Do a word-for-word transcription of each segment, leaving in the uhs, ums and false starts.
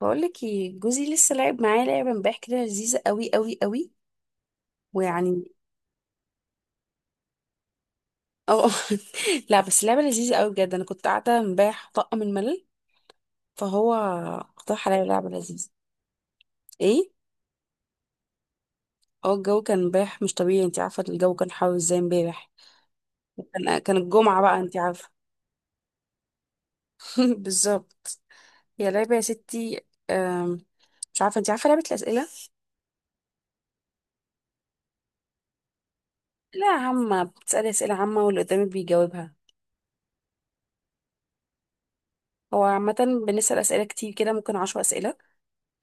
بقولك ايه، جوزي لسه لعب معايا لعبة امبارح كده لذيذة قوي قوي قوي. ويعني، اه. لا، بس لعبة لذيذة قوي بجد. انا كنت قاعدة امبارح طاقة من الملل، فهو اقترح عليا لعبة لذيذة. ايه، اه الجو كان امبارح مش طبيعي، انت عارفة الجو كان حر ازاي امبارح. كان كان الجمعة بقى، انت عارفة. بالظبط. هي لعبة يا ستي، أم، مش عارفة، انت عارفة لعبة الأسئلة. لا، عامة بتسألي أسئلة عامة واللي قدامك بيجاوبها. هو عامة بنسأل أسئلة كتير كده، ممكن عشر أسئلة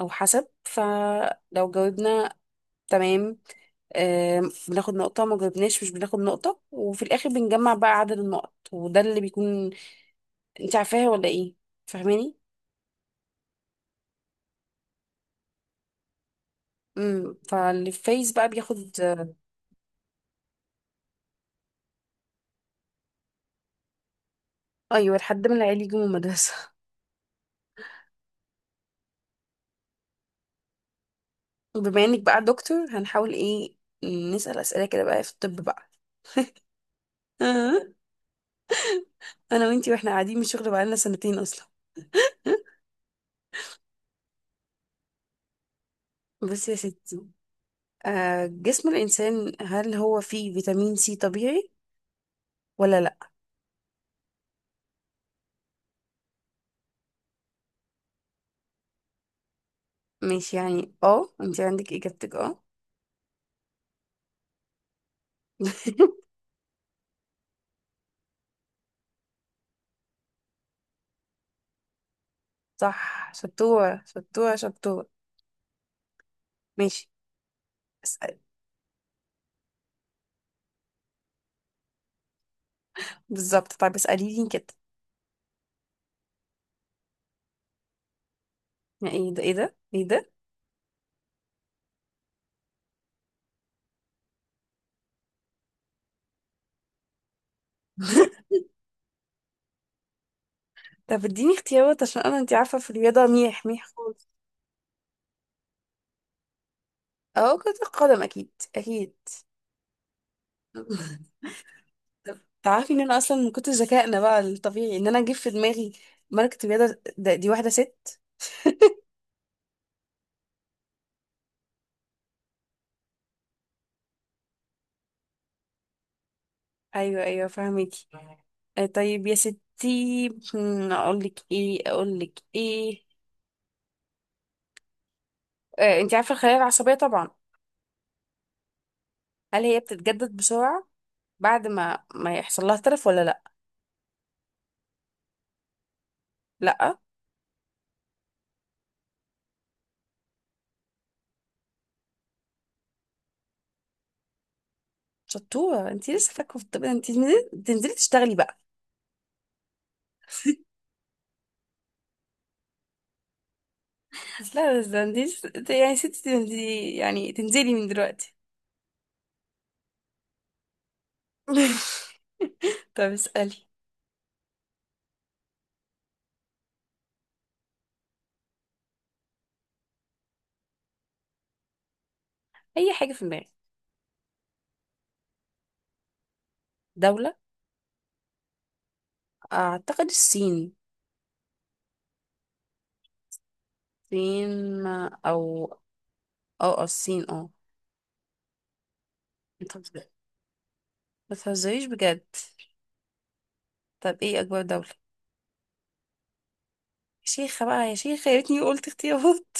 او حسب. فلو جاوبنا تمام، آم، بناخد نقطة، ما جاوبناش مش بناخد نقطة، وفي الآخر بنجمع بقى عدد النقط وده اللي بيكون. انت عارفاها ولا ايه؟ فاهماني. امم، فاللي فايز بقى بياخد، آه، ايوه لحد ما العيال يجوا من المدرسة. بما انك بقى دكتور هنحاول ايه، نسأل أسئلة كده بقى في الطب بقى. آه، انا وانتي واحنا قاعدين من الشغل بقالنا سنتين اصلا. بصي يا ستي، آه، جسم الإنسان هل هو فيه فيتامين سي طبيعي ولا لا؟ ماشي، يعني اه انت عندك اجابتك، اه. صح، شطورة شطورة شطورة. ماشي، اسأل. بالظبط، طيب اسألي لي كده. يعني ايه ده ايه ده ايه ده؟ طب اديني اختيارات، عشان انا انت عارفة في الرياضة ميح ميح خالص. اه كرة القدم، اكيد اكيد. طب تعرفي ان انا اصلا من كتر ذكائنا بقى الطبيعي ان انا اجيب في دماغي ملكة الرياضة ده، دي واحدة ست. ايوه ايوه، فهميكي. آه، طيب يا ستي، اقول لك ايه اقول لك ايه، آه، انت عارفه الخلايا العصبيه طبعا، هل هي بتتجدد بسرعه بعد ما ما يحصل لها تلف ولا لا؟ لا. شطوره، انت لسه فاكره في الطب، انت تنزلي تنزلي تشتغلي بقى. لا بس ده انت لسه- يعني ستي تنزلي، يعني تنزلي من دلوقتي. طب اسالي. اي حاجه في دماغك. دوله. اعتقد الصين. الصين او او أو الصين، اه. بتهزري. ما تهزريش بجد. طب ايه اكبر دوله؟ يا شيخه بقى يا شيخه، يا ريتني قلت اختيارات.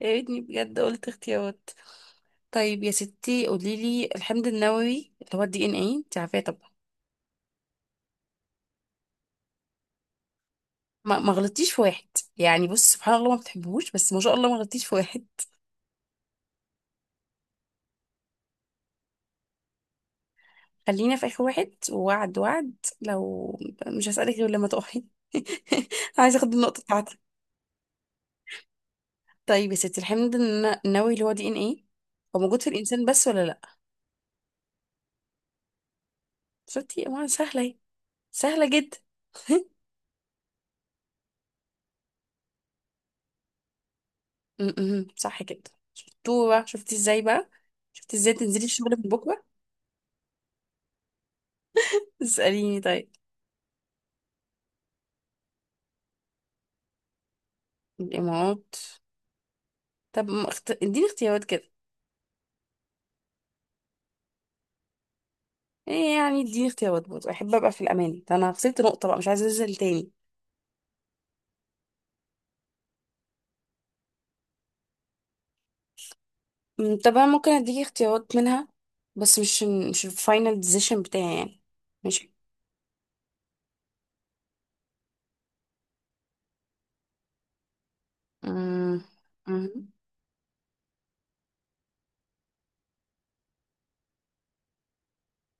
يا ريتني بجد قلت اختيارات. طيب يا ستي قولي لي، الحمض النووي اللي هو الدي ان اي انت عارفاه طبعا. ما ما غلطتيش في واحد، يعني بص سبحان الله ما بتحبهوش، بس ما شاء الله ما غلطتيش في واحد. خلينا في اخر واحد، ووعد وعد. لو مش هسألك غير لما تقعي. عايزه اخد النقطه بتاعتك. طيب يا ستي، الحمض الن- النووي اللي هو دي ان اي، هو موجود في الانسان بس ولا لا؟ شفتي ما سهله اهي، سهله جدا. م- م- صح كده. شطوره، شفتي ازاي بقى، شفتي ازاي تنزلي الشغل من بكره. اسأليني طيب. الإمارات. طب ما اخت... اديني اختيارات كده. ايه يعني، اديني اختيارات برضه، احب ابقى في الامان، ده انا خسرت نقطة بقى مش عايزة انزل تاني. أمم، طب انا ممكن اديكي اختيارات منها، بس مش مش الفاينل ديسيشن بتاعي يعني. ماشي. أمم. أمم.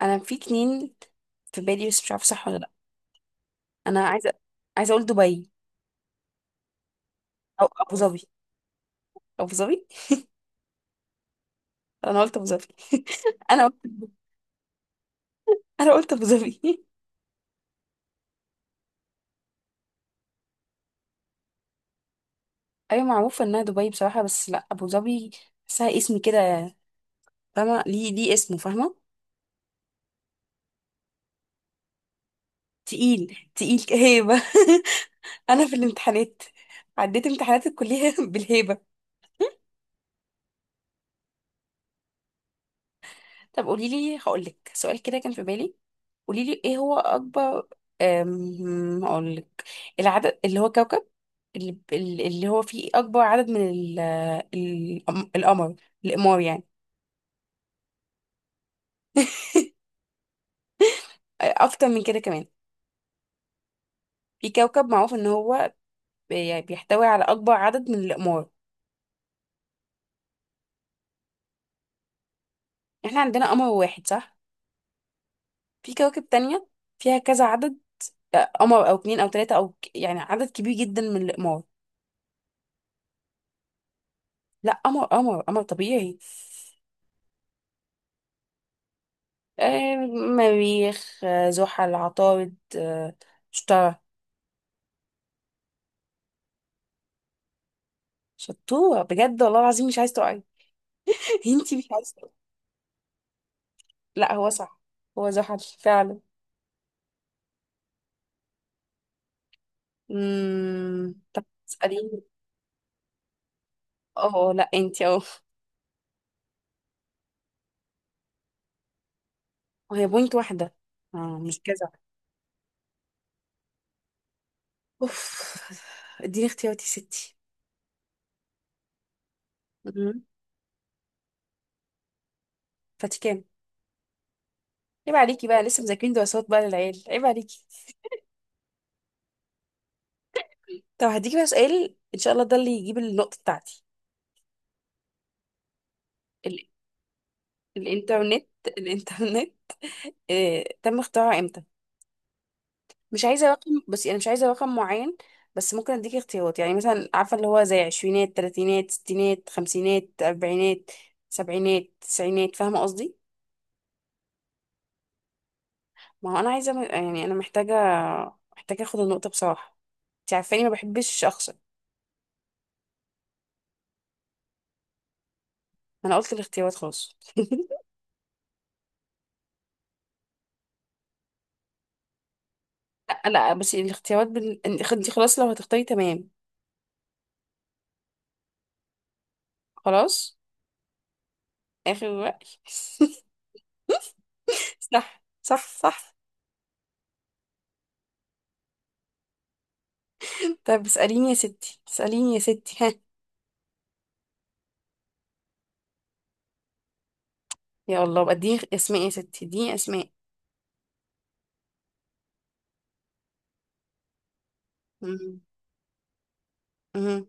انا في اتنين في بالي، بس مش عارفة صح ولا لا. انا عايزة عايزة اقول دبي، او ابو ظبي. ابو ظبي. انا قلت ابو ظبي. انا قلت انا قلت ابو ظبي. ايوه معروفه انها دبي بصراحه، بس لا، ابو ظبي. بحسها اسم كده، فاهمه ليه ليه اسمه، فاهمه. تقيل تقيل هيبه. انا في الامتحانات عديت امتحانات الكليه بالهيبه. طب قولي لي، هقول لك سؤال كده كان في بالي. قولي لي ايه هو اكبر، أم، هقول لك. العدد اللي هو كوكب، اللي, اللي هو فيه اكبر عدد من ال- الأم- القمر، الاقمار يعني. اكتر من كده كمان، في كوكب معروف ان هو بي- يعني بيحتوي على اكبر عدد من الاقمار. احنا عندنا قمر واحد، صح؟ في كواكب تانية فيها كذا عدد، آه، قمر او اتنين او تلاتة او ك- يعني عدد كبير جدا من الاقمار. لا، قمر قمر قمر طبيعي. آه مريخ، آه زحل، عطارد، آه شطارة. شطورة بجد والله العظيم، مش عايز تقعي. انتي مش عايز تقعي. لا هو صح، هو زحل فعلا. امم طب اسأليني. اه لا انتي، اه. وهي بوينت واحدة، اه مش كذا. اوف. اديني اختياراتي يا ستي. مم. فاتيكان. عيب عليكي بقى لسه مذاكرين دراسات بقى للعيال، عيب عليكي. طب هديكي بقى سؤال ان شاء الله ده اللي يجيب النقطة بتاعتي. ال... الانترنت الانترنت آه... تم اختراعه امتى؟ مش عايزة رقم، بس انا مش عايزة رقم معين. بس ممكن اديكي اختيارات، يعني مثلا عارفة اللي هو زي عشرينات تلاتينات ستينات خمسينات اربعينات سبعينات تسعينات، فاهمة قصدي. ما هو انا عايزة، م- يعني انا محتاجة محتاجة اخد النقطة بصراحة، انت عارفاني ما بحبش اخسر. انا قلت الاختيارات خلاص. لا لا بصي، الاختيارات بال... انت خلاص لو هتختاري تمام. خلاص. اخر رأي. صح صح صح. طب اسأليني يا ستي، اسأليني يا ستي، ها. يا الله بقى، اديني اسماء يا ستي، اديني اسماء. مم. مم.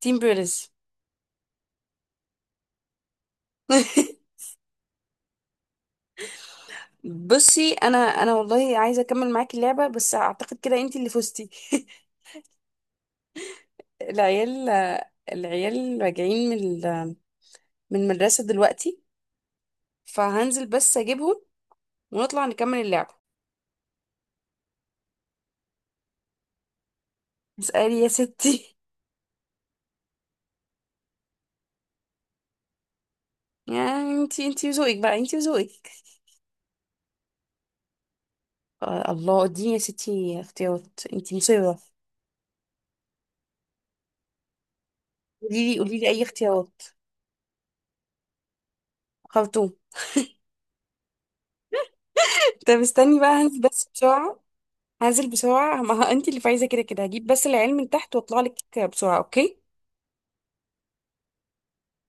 تيم بيرلز. بصي انا انا والله عايزه اكمل معاكي اللعبه، بس اعتقد كده انت اللي فزتي. العيال العيال راجعين من ال- من المدرسه دلوقتي، فهنزل بس اجيبهم، ونطلع نكمل اللعبه. اسالي يا ستي. يعني انتي انتي وذوقك بقى، انتي وذوقك. آه الله، اديني يا ستي اختيارات، انتي مصيرة. قولي لي قولي لي اي اختيارات. خرطوم. طب استني بقى، هنزل بس بسرعة. هنزل بسرعة. ما هو انتي اللي فايزة كده كده، هجيب بس العلم من تحت واطلع لك بسرعة. اوكي.